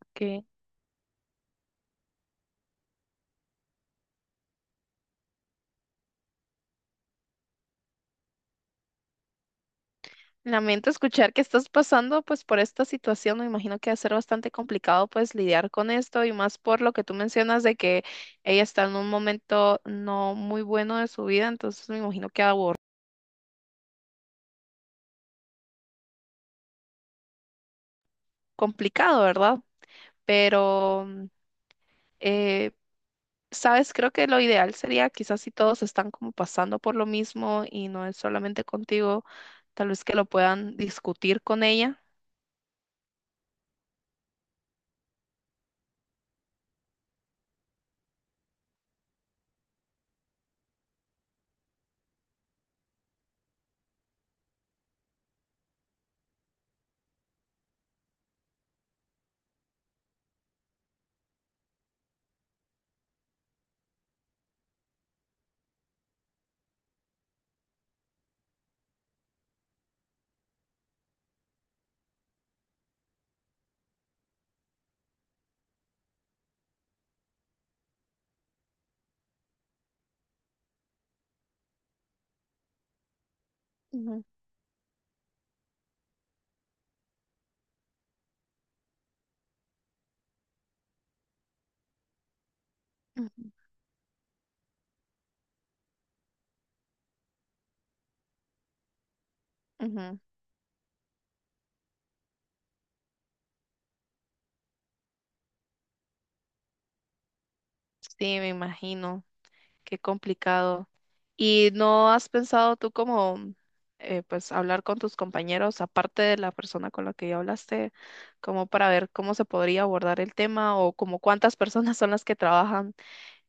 Ok. Lamento escuchar que estás pasando pues por esta situación. Me imagino que va a ser bastante complicado pues lidiar con esto y más por lo que tú mencionas de que ella está en un momento no muy bueno de su vida, entonces me imagino que va complicado, ¿verdad? Pero, eh, sabes, creo que lo ideal sería quizás si todos están como pasando por lo mismo y no es solamente contigo, tal vez que lo puedan discutir con ella. Ujú, ujú, ujú. Sí, me imagino. Qué complicado. ¿Y no has pensado tú como, pues, hablar con tus compañeros, aparte de la persona con la que ya hablaste, como para ver cómo se podría abordar el tema o como cuántas personas son las que trabajan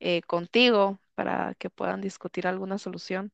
contigo para que puedan discutir alguna solución?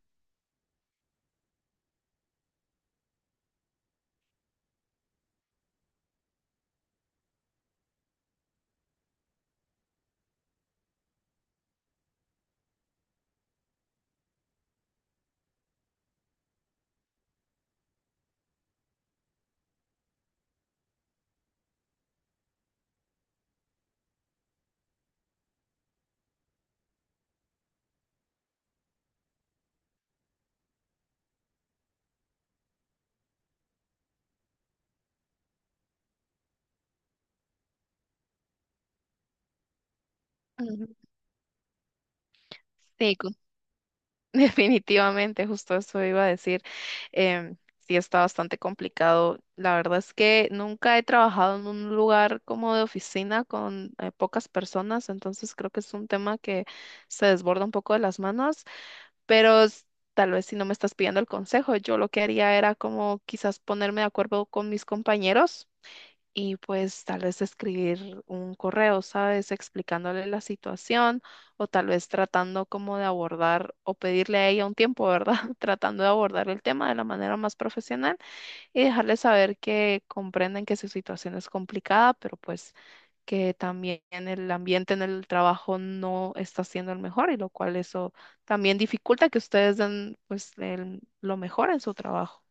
Ujú. Sí, definitivamente, justo eso iba a decir. em, sí, está bastante complicado. La verdad es que nunca he trabajado en un lugar como de oficina con pocas personas, entonces creo que es un tema que se desborda un poco de las manos, pero tal vez si no me estás pidiendo el consejo, yo lo que haría era como quizás ponerme de acuerdo con mis compañeros y pues tal vez escribir un correo, ¿sabes? Explicándole la situación o tal vez tratando como de abordar o pedirle a ella un tiempo, ¿verdad? Tratando de abordar el tema de la manera más profesional y dejarle saber que comprenden que su situación es complicada, pero pues que también el ambiente en el trabajo no está siendo el mejor y lo cual eso también dificulta que ustedes den pues lo mejor en su trabajo.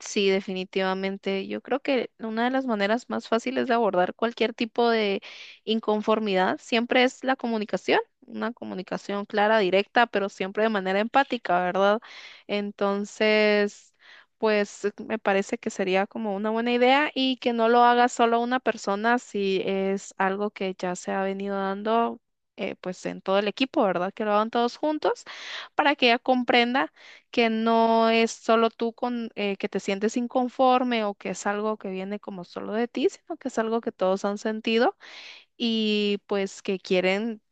Sí, definitivamente. Yo creo que una de las maneras más fáciles de abordar cualquier tipo de inconformidad siempre es la comunicación, una comunicación clara, directa, pero siempre de manera empática, ¿verdad? Entonces, pues me parece que sería como una buena idea y que no lo haga solo una persona si es algo que ya se ha venido dando. Pues en todo el equipo, ¿verdad? Que lo hagan todos juntos para que ella comprenda que no es solo tú con, que te sientes inconforme o que es algo que viene como solo de ti, sino que es algo que todos han sentido y pues que quieren,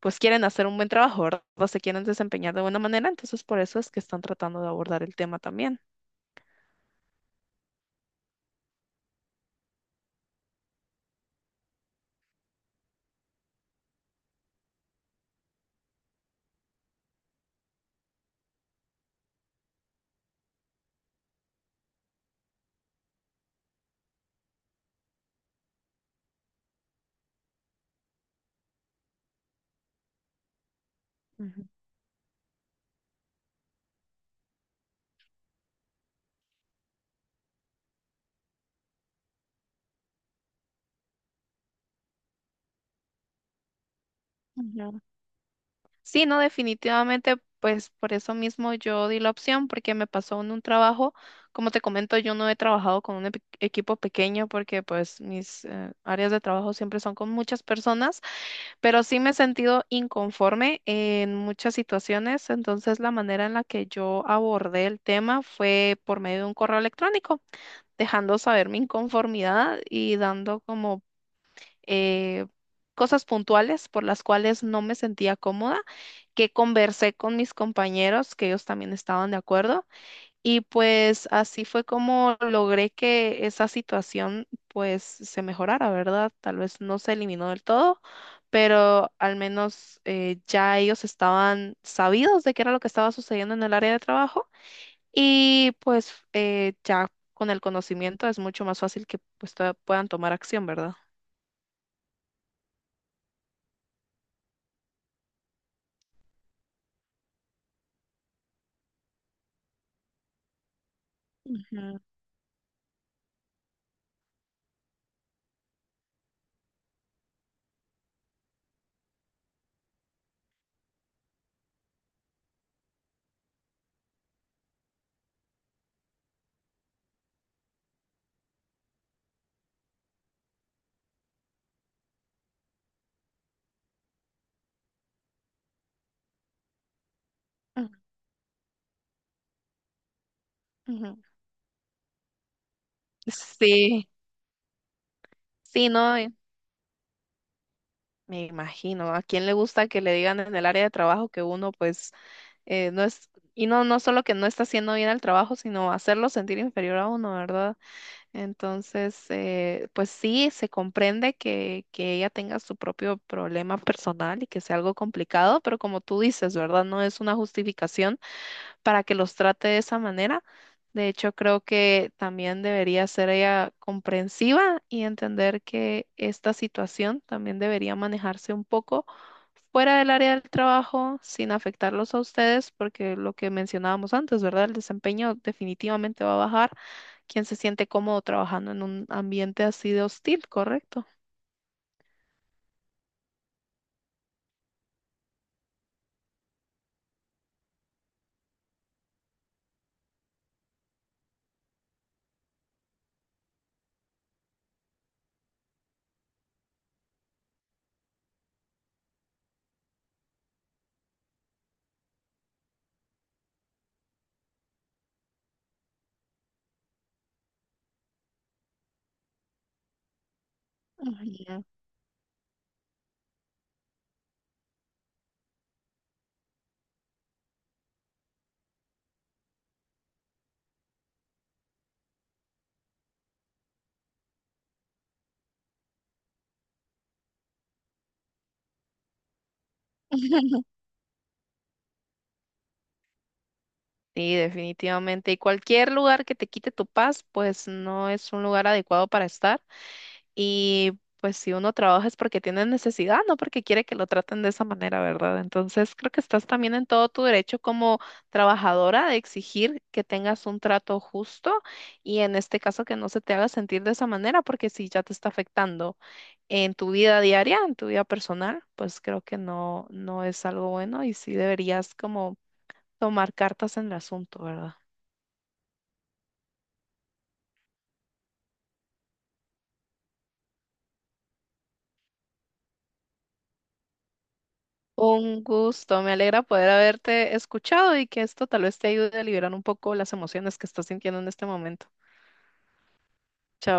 pues quieren hacer un buen trabajo, ¿verdad? O se quieren desempeñar de buena manera, entonces por eso es que están tratando de abordar el tema también. Ujú. Sí, no, definitivamente, pues por eso mismo yo di la opción, porque me pasó en un trabajo, como te comento, yo no he trabajado con un equipo pequeño porque pues mis áreas de trabajo siempre son con muchas personas, pero sí me he sentido inconforme en muchas situaciones, entonces la manera en la que yo abordé el tema fue por medio de un correo electrónico, dejando saber mi inconformidad y dando como eh, cosas puntuales por las cuales no me sentía cómoda, que conversé con mis compañeros, que ellos también estaban de acuerdo, y pues así fue como logré que esa situación pues se mejorara, ¿verdad? Tal vez no se eliminó del todo, pero al menos ya ellos estaban sabidos de qué era lo que estaba sucediendo en el área de trabajo y pues ya con el conocimiento es mucho más fácil que pues puedan tomar acción, ¿verdad? Ujú, ujú. Sí, sí, no, me imagino. ¿A quién le gusta que le digan en el área de trabajo que uno, pues, no es, y no, no solo que no está haciendo bien el trabajo, sino hacerlo sentir inferior a uno, ¿verdad? Entonces, pues sí, se comprende que ella tenga su propio problema personal y que sea algo complicado, pero como tú dices, ¿verdad? No es una justificación para que los trate de esa manera. De hecho, creo que también debería ser ella comprensiva y entender que esta situación también debería manejarse un poco fuera del área del trabajo sin afectarlos a ustedes, porque lo que mencionábamos antes, ¿verdad? El desempeño definitivamente va a bajar. Quien se siente cómodo trabajando en un ambiente así de hostil, ¿correcto? Ujú. Sí, definitivamente. Y cualquier lugar que te quite tu paz, pues no es un lugar adecuado para estar. Y pues si uno trabaja es porque tiene necesidad, no porque quiere que lo traten de esa manera, ¿verdad? Entonces creo que estás también en todo tu derecho como trabajadora de exigir que tengas un trato justo y en este caso que no se te haga sentir de esa manera, porque si ya te está afectando en tu vida diaria, en tu vida personal, pues creo que no, no es algo bueno y sí deberías como tomar cartas en el asunto, ¿verdad? Un gusto, me alegra poder haberte escuchado y que esto tal vez te ayude a liberar un poco las emociones que estás sintiendo en este momento. Chao.